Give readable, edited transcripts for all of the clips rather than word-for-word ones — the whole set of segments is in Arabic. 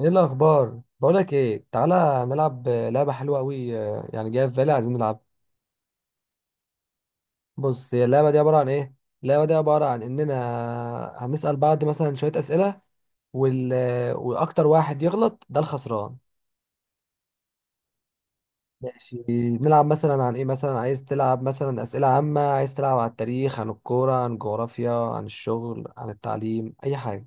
ايه الاخبار؟ بقولك ايه، تعالى نلعب لعبه حلوه قوي. يعني جايه في بالي، عايزين نلعب. بص، هي اللعبه دي عباره عن ايه؟ اللعبه دي عباره عن اننا هنسال بعض مثلا شويه اسئله وال... واكتر واحد يغلط ده الخسران. ماشي. نلعب مثلا عن ايه؟ مثلا عايز تلعب مثلا اسئله عامه، عايز تلعب عن التاريخ، عن الكوره، عن الجغرافيا، عن الشغل، عن التعليم، اي حاجه.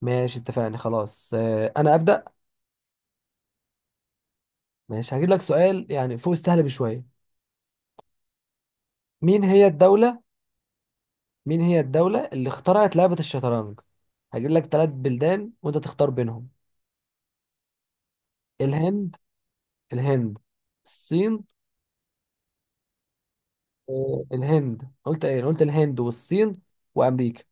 ماشي اتفقنا خلاص، انا ابدا. ماشي، هجيب لك سؤال يعني فوق السهل بشويه. مين هي الدوله؟ مين هي الدولة اللي اخترعت لعبة الشطرنج؟ هجيب لك ثلاث بلدان وانت تختار بينهم. الهند. الهند، الصين. الهند؟ قلت ايه، قلت الهند والصين وامريكا.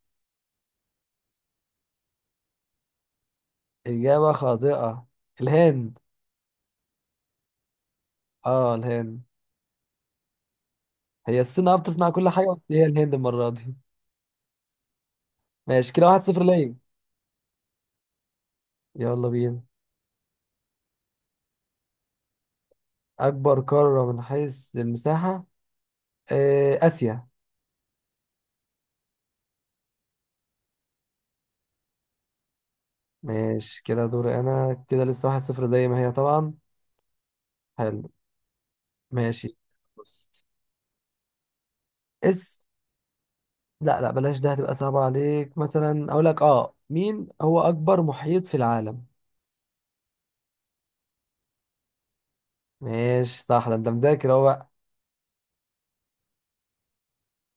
اجابة خاطئة. الهند. اه الهند. هي الصين، بتصنع كل حاجة، بس هي الهند المرة دي. ماشي كده، واحد صفر ليا. يلا بينا. اكبر قارة من حيث المساحة؟ اسيا. ماشي كده، دوري انا كده لسه واحد صفر زي ما هي طبعا. حلو. ماشي. بص. اس لا، لا، بلاش ده، هتبقى صعبة عليك. مثلا اقول لك، مين هو اكبر محيط في العالم؟ ماشي صح، ده انت مذاكر اهو بقى.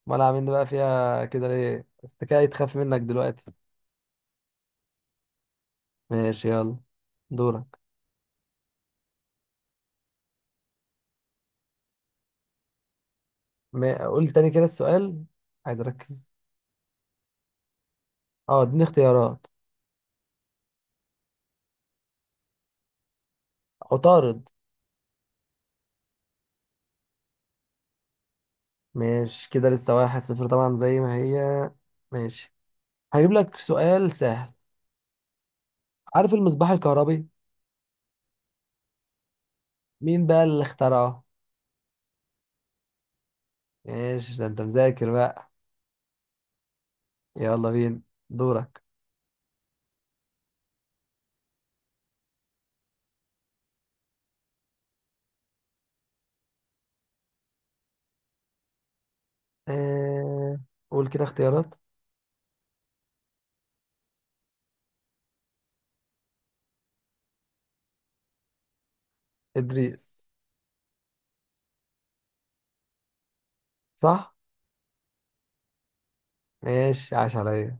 امال عاملين بقى فيها كده ليه؟ استكاية تخاف منك دلوقتي. ماشي يلا، دورك. قول تاني كده السؤال، عايز اركز. اه، اديني اختيارات. عطارد. ماشي كده، لسه واحد صفر طبعا زي ما هي. ماشي. هجيب لك سؤال سهل. عارف المصباح الكهربي؟ مين بقى اللي اخترعه؟ ماشي، ده انت مذاكر بقى. يلا بينا، دورك. آه... قول كده اختيارات. إدريس. صح. ماشي، عاش عليا.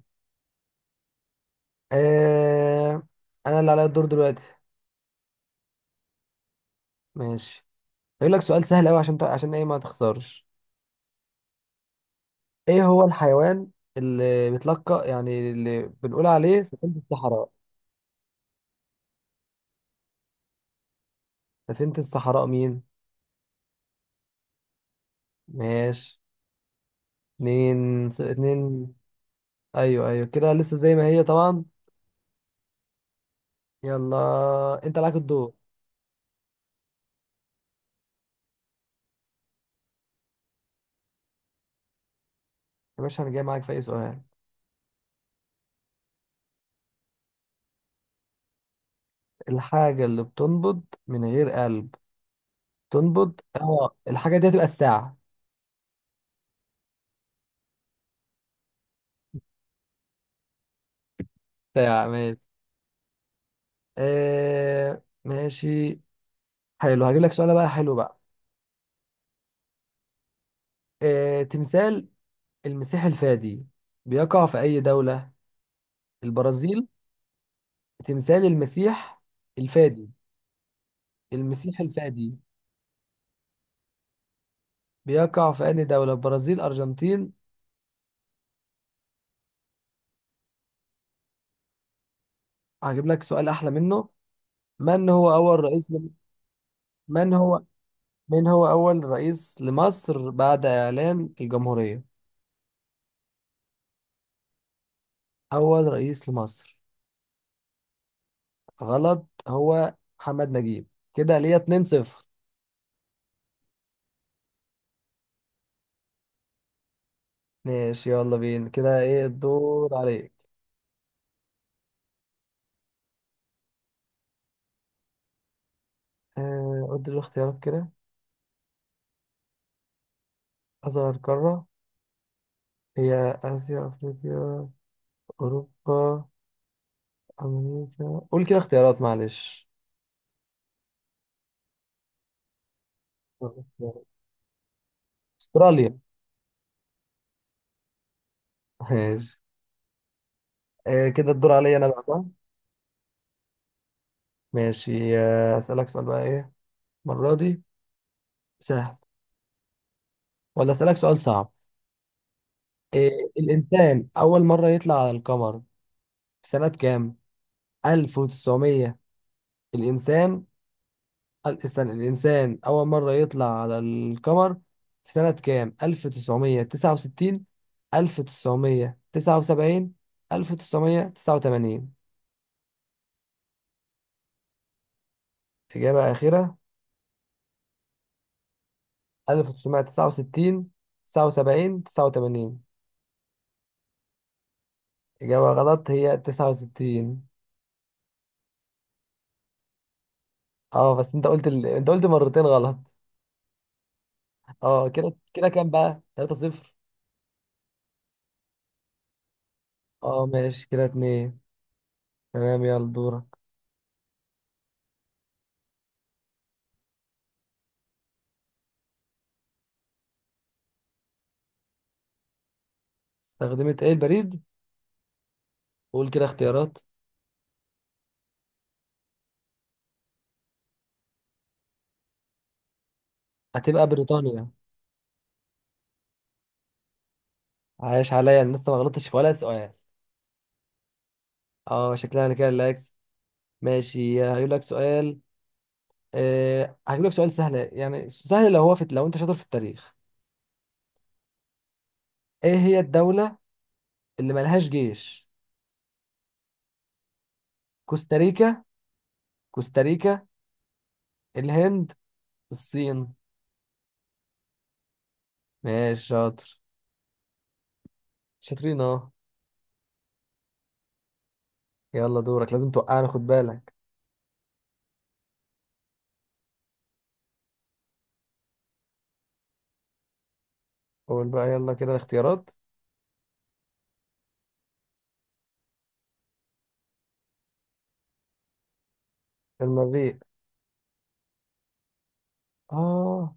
آه... أنا اللي عليا الدور دلوقتي. ماشي، هقول لك سؤال سهل أوي عشان عشان إيه ما تخسرش. إيه هو الحيوان اللي بيتلقى، يعني اللي بنقول عليه سفينة الصحراء؟ سفينة الصحراء مين؟ ماشي. اتنين. أيوه، أيوه، كده لسه زي ما هي طبعا. يلا، أنت عليك الدور. يا باشا، أنا جاي معاك في أي سؤال. الحاجة اللي بتنبض من غير قلب؟ تنبض، الحاجة دي هتبقى الساعة. ساعة. ماشي. ماشي، حلو. هجيب لك سؤال بقى حلو بقى. تمثال المسيح الفادي بيقع في أي دولة؟ البرازيل. تمثال المسيح الفادي. المسيح الفادي. بيقع في أي دولة؟ برازيل، أرجنتين. هجيب لك سؤال أحلى منه. من هو أول رئيس لم... من هو من هو أول رئيس لمصر بعد إعلان الجمهورية؟ أول رئيس لمصر. غلط، هو محمد نجيب. كده ليا 2-0. ماشي يلا بينا، كده إيه الدور عليك؟ قول لي الاختيارات كده. أصغر قارة، هي آسيا، أفريقيا، أوروبا، أمريكا. قول كده اختيارات معلش. أستراليا. ماشي. كده الدور عليا أنا بقى، صح؟ ماشي، أسألك سؤال بقى إيه، المرة دي سهل، ولا أسألك سؤال صعب؟ إيه، الإنسان أول مرة يطلع على القمر في سنة كام؟ 1900؟ الإنسان، استنى، الإنسان أول مرة يطلع على القمر في سنة كام؟ 1969، 1979، 1989. إجابة أخيرة. 1969، 79، 89. إجابة غلط، هي 69. اه، بس انت قلت انت قلت مرتين غلط. اه كده كام بقى؟ 3 0. اه ماشي، كده اتنين. تمام يلا، دورك. استخدمت ايه البريد؟ قول كده اختيارات. هتبقى بريطانيا. عايش عليا، أنا لسه ما غلطتش في ولا سؤال. اه، شكلها انا كده اللي هكسب. ماشي، هجيب لك سؤال. أه هجيب لك سؤال سهل، يعني سهل لو انت شاطر في التاريخ. ايه هي الدولة اللي ملهاش جيش؟ كوستاريكا. كوستاريكا. الهند، الصين. ماشي، شاطر، شاطرين اهو. يلا دورك، لازم توقعنا، خد بالك. قول بقى يلا كده الاختيارات. المريخ. اه.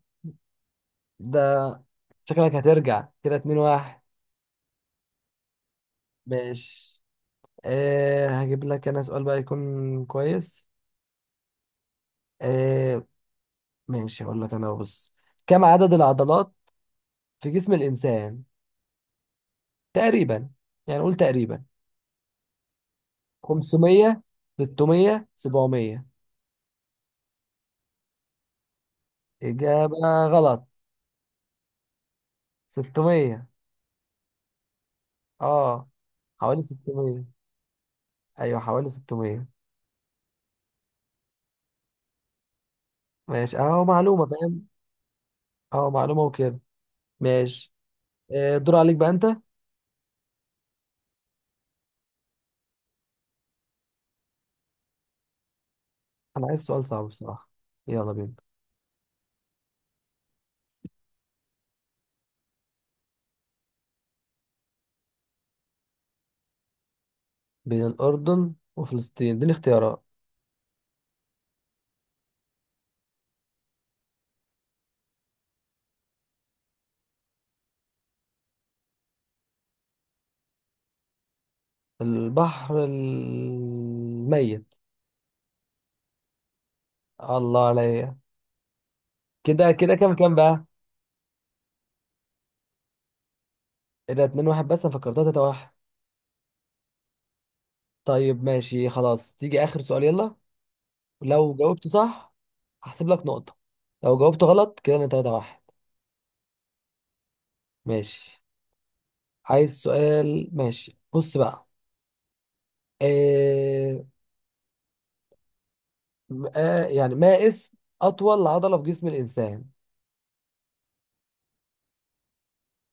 ده. شكلك هترجع كده اتنين واحد. ماشي. أه هجيب لك انا سؤال بقى يكون كويس. أه ماشي، هقول لك انا، بص. كم عدد العضلات في جسم الانسان تقريبا؟ يعني قول تقريبا. 500، 600، 700؟ اجابة. غلط. 600. اه حوالي 600. ايوه، حوالي 600. ماشي، اهو معلومة فاهم، اهو معلومة وكده. ماشي. أه، دور عليك بقى انت. انا عايز سؤال صعب بصراحة. يلا بينا. بين الاردن وفلسطين؟ اديني اختيارات. البحر الميت. الله عليا. كده كام بقى؟ إيه ده، اتنين واحد؟ بس انا فكرتها تلاته واحد. طيب ماشي، خلاص، تيجي اخر سؤال، يلا. لو جاوبت صح، هحسب لك نقطة. لو جاوبت غلط، كده انا تلاته واحد. ماشي، عايز سؤال. ماشي، بص بقى. إيه... آه يعني، ما اسم اطول عضلة في جسم الانسان؟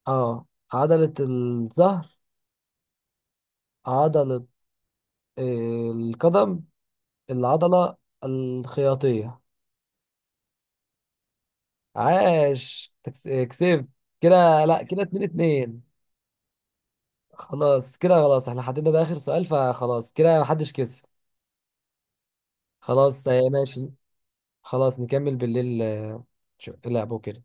اه. عضلة الظهر. عضلة، القدم. العضلة الخياطية. عاش، كسبت. كده لا، كده اتنين اتنين. خلاص كده، خلاص احنا حددنا ده اخر سؤال، فخلاص كده محدش كسب. خلاص، ماشي. خلاص نكمل بالليل. اللعبة وكده.